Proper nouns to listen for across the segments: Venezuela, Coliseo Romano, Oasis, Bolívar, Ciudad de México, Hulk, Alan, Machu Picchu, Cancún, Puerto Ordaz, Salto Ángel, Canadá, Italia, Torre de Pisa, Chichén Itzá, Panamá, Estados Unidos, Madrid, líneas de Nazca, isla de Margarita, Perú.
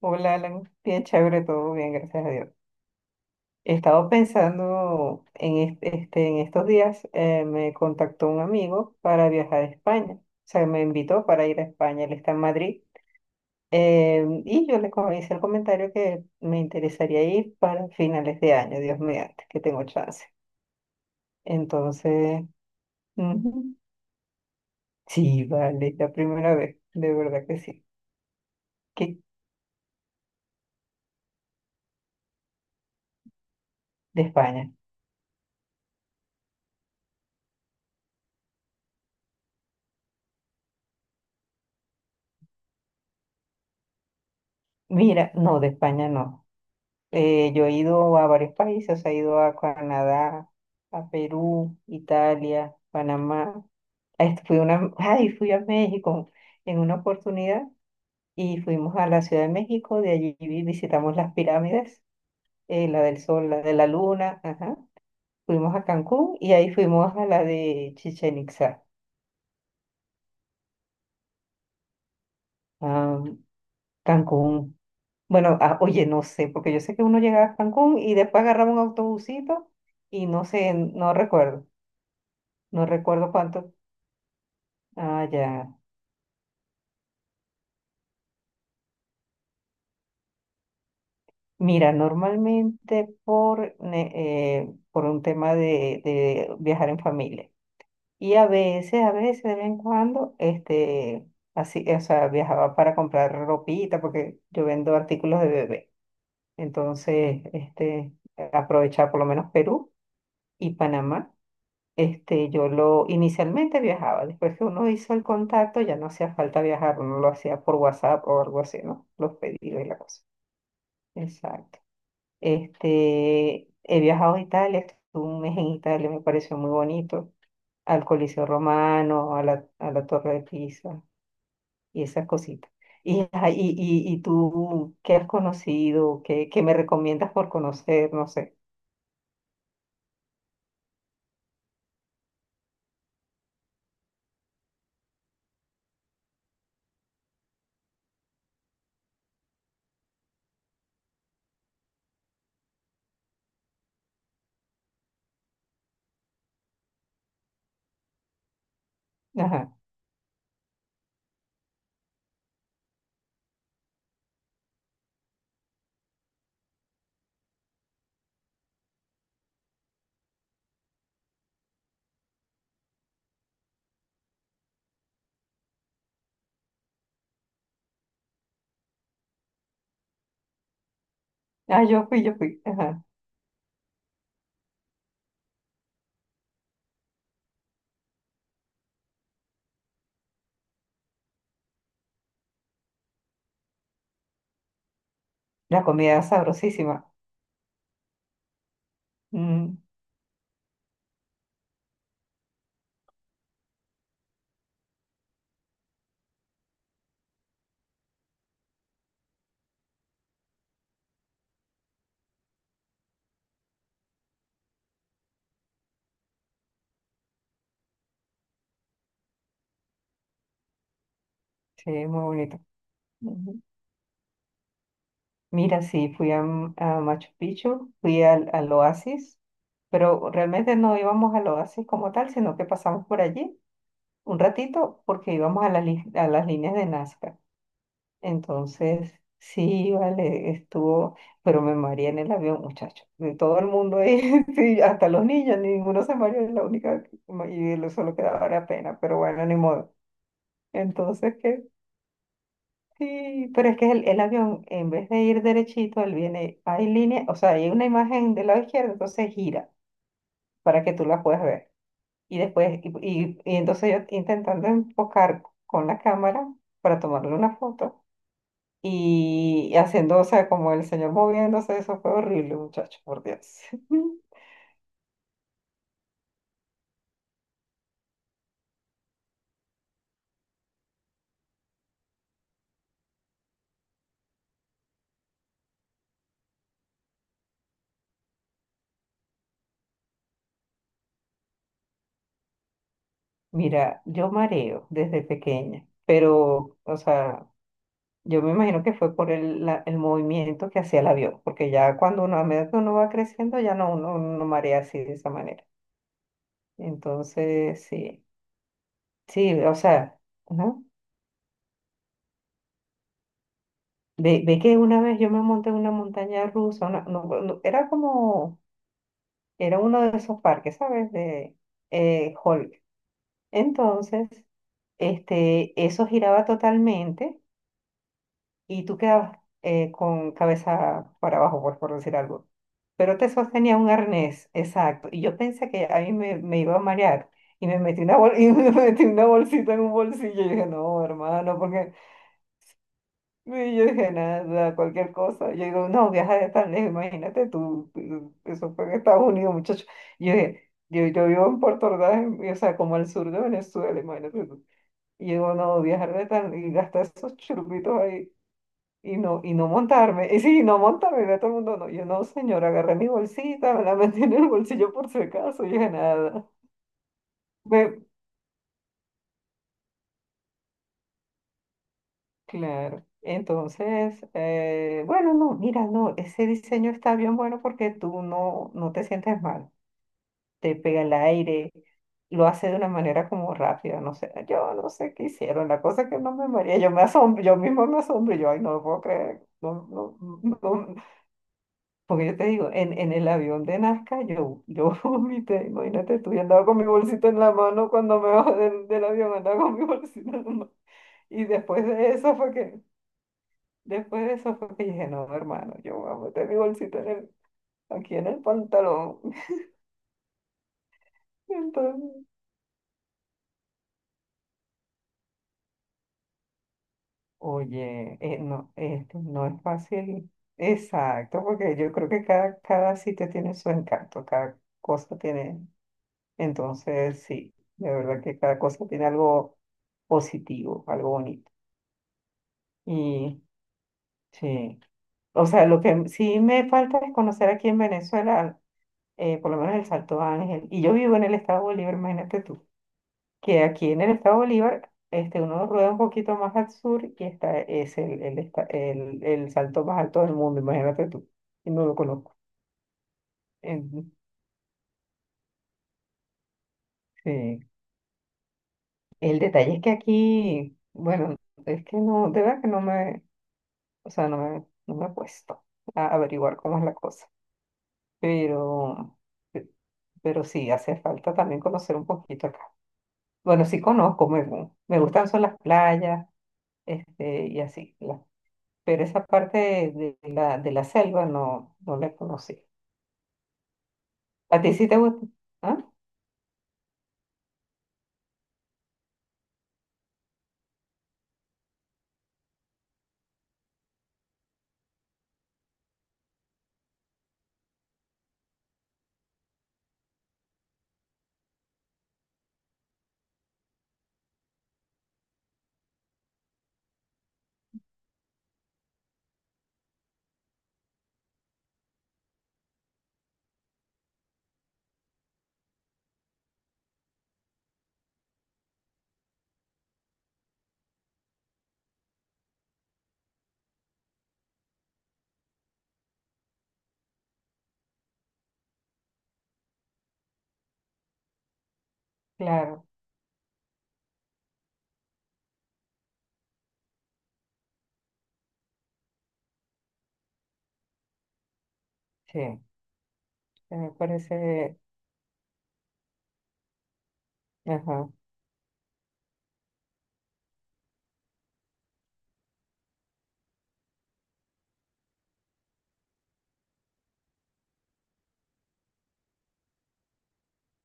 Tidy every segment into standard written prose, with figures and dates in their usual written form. Hola, Alan. Bien chévere, todo bien, gracias a Dios. He estado pensando en estos días, me contactó un amigo para viajar a España. O sea, me invitó para ir a España, él está en Madrid. Y yo hice el comentario que me interesaría ir para finales de año, Dios mediante, que tengo chance. Entonces, ujú, sí, vale, es la primera vez, de verdad que sí. ¿Qué? De España. Mira, no, de España no. Yo he ido a varios países, he ido a Canadá, a Perú, Italia, Panamá. Ay, ay, fui a México en una oportunidad y fuimos a la Ciudad de México. De allí visitamos las pirámides, la del Sol, la de la Luna, ajá. Fuimos a Cancún y ahí fuimos a la de Chichén Itzá. Ah, Cancún. Bueno, ah, oye, no sé, porque yo sé que uno llegaba a Cancún y después agarraba un autobusito y no sé, no recuerdo. No recuerdo cuánto. Ah, ya. Mira, normalmente por un tema de viajar en familia. Y a veces, de vez en cuando, así, o sea, viajaba para comprar ropita, porque yo vendo artículos de bebé. Entonces, aprovechaba por lo menos Perú y Panamá. Yo lo inicialmente viajaba, después que uno hizo el contacto, ya no hacía falta viajar, uno lo hacía por WhatsApp o algo así, ¿no? Los pedidos y la cosa. Exacto. He viajado a Italia, estuve un mes en Italia, me pareció muy bonito, al Coliseo Romano, a la Torre de Pisa y esas cositas. Ajá, y tú, ¿qué has conocido? ¿Qué me recomiendas por conocer? No sé. Ajá. Ah, yo fui, yo fui. Ajá. La comida es sabrosísima. Mm, sí, muy bonito. Ujú. Mira, sí, fui a Machu Picchu, fui al Oasis, pero realmente no íbamos al Oasis como tal, sino que pasamos por allí un ratito porque íbamos a las líneas de Nazca. Entonces, sí, vale, estuvo, pero me mareé en el avión, muchacho. De todo el mundo ahí, sí, hasta los niños, ninguno se mareó, la única, y lo solo quedaba era pena, pero bueno, ni modo. Entonces, que sí, pero es que el avión, en vez de ir derechito, él viene, hay línea, o sea, hay una imagen del lado izquierdo, entonces gira para que tú la puedas ver. Y después, y entonces yo intentando enfocar con la cámara para tomarle una foto y haciendo, o sea, como el señor moviéndose, eso fue horrible, muchacho, por Dios. Mira, yo mareo desde pequeña, pero, o sea, yo me imagino que fue por el movimiento que hacía el avión, porque ya cuando uno, a medida que uno va creciendo, ya no, uno no marea así de esa manera. Entonces, sí, sí, o sea, ajá. Ve, ve que una vez yo me monté en una montaña rusa, era uno de esos parques, ¿sabes? De Hulk. Entonces, eso giraba totalmente y tú quedabas con cabeza para abajo, pues por decir algo. Pero te sostenía un arnés, exacto. Y yo pensé que a mí me iba a marear y me metí una bol- y me metí una bolsita en un bolsillo. Y yo dije, no, hermano, porque, y yo dije, nada, cualquier cosa. Yo digo, no, viaja de tan lejos, imagínate tú, eso fue en Estados Unidos, muchacho. Y yo dije, yo vivo en Puerto Ordaz, o sea, como al sur de Venezuela, imagínate tú. Y digo, no, viajar de tan, y gastar esos churritos ahí, y no montarme. Y sí, no montarme, y ve todo el mundo, no. Yo, no, señora, agarré mi bolsita, me la metí en el bolsillo por si acaso. Y yo dije, nada. Claro. Entonces, bueno, no, mira, no, ese diseño está bien bueno porque tú no te sientes mal, te pega el aire, lo hace de una manera como rápida, no sé, yo no sé qué hicieron, la cosa es que no me maría, yo me asombro, yo mismo me asombro, yo, ay, no lo puedo creer, no, no, no, porque yo te digo, en el avión de Nazca, yo vomité, imagínate, tú, yo andaba con mi bolsito en la mano cuando me bajé del avión, andaba con mi bolsito en la mano, y después de eso fue que... Después de eso fue que dije, no, hermano, yo voy a meter mi bolsita aquí en el pantalón. Entonces, oye, no, este no es fácil. Exacto, porque yo creo que cada sitio tiene su encanto, cada cosa tiene. Entonces, sí, de verdad que cada cosa tiene algo positivo, algo bonito. Y sí, o sea, lo que sí me falta es conocer aquí en Venezuela, por lo menos el Salto Ángel. Y yo vivo en el estado de Bolívar, imagínate tú. Que aquí en el estado Bolívar, uno rueda un poquito más al sur y está, es el salto más alto del mundo, imagínate tú, y no lo conozco. En- sí. El detalle es que aquí, bueno, es que no, de verdad que no me, o sea, no me he puesto a averiguar cómo es la cosa, pero, pe- pero sí, hace falta también conocer un poquito acá. Bueno, sí conozco, me gustan son las playas, y así, las. Pero esa parte de la selva no la conocí. ¿A ti sí te gusta? ¿Ah? Claro, sí, sí, me parece... Ajá.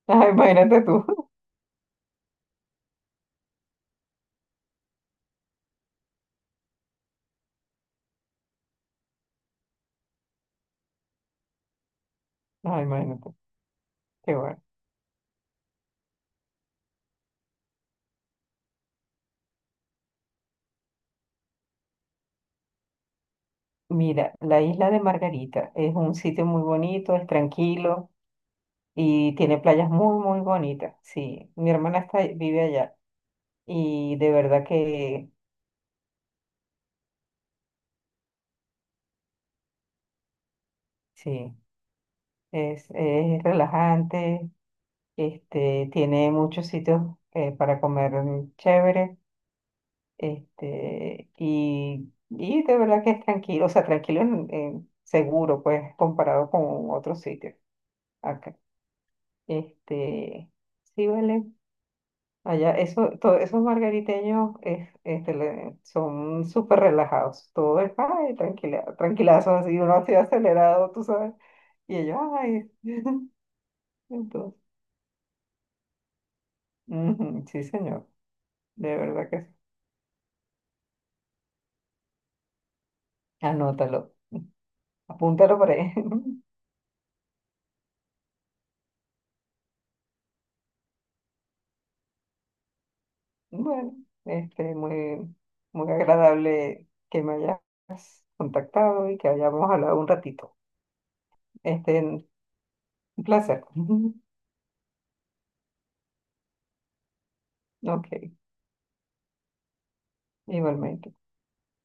Ah, imagínate tú. Ah, imagínate. Qué bueno. Mira, la isla de Margarita es un sitio muy bonito, es tranquilo y tiene playas muy, muy bonitas. Sí, mi hermana está, vive allá y de verdad que sí, es relajante, tiene muchos sitios para comer chévere. Y de verdad que es tranquilo, o sea, tranquilo en seguro, pues, comparado con otros sitios acá. Este, sí, vale. Allá, eso, todos esos margariteños son súper relajados. Todo es, ay, tranquila, tranquilazo, así, uno así acelerado, tú sabes. Y ellos, ay. Entonces, ujú, sí, señor, de verdad que sí. Anótalo, apúntalo por ahí. Bueno, muy, muy agradable que me hayas contactado y que hayamos hablado un ratito. Este, un placer. Ok, igualmente.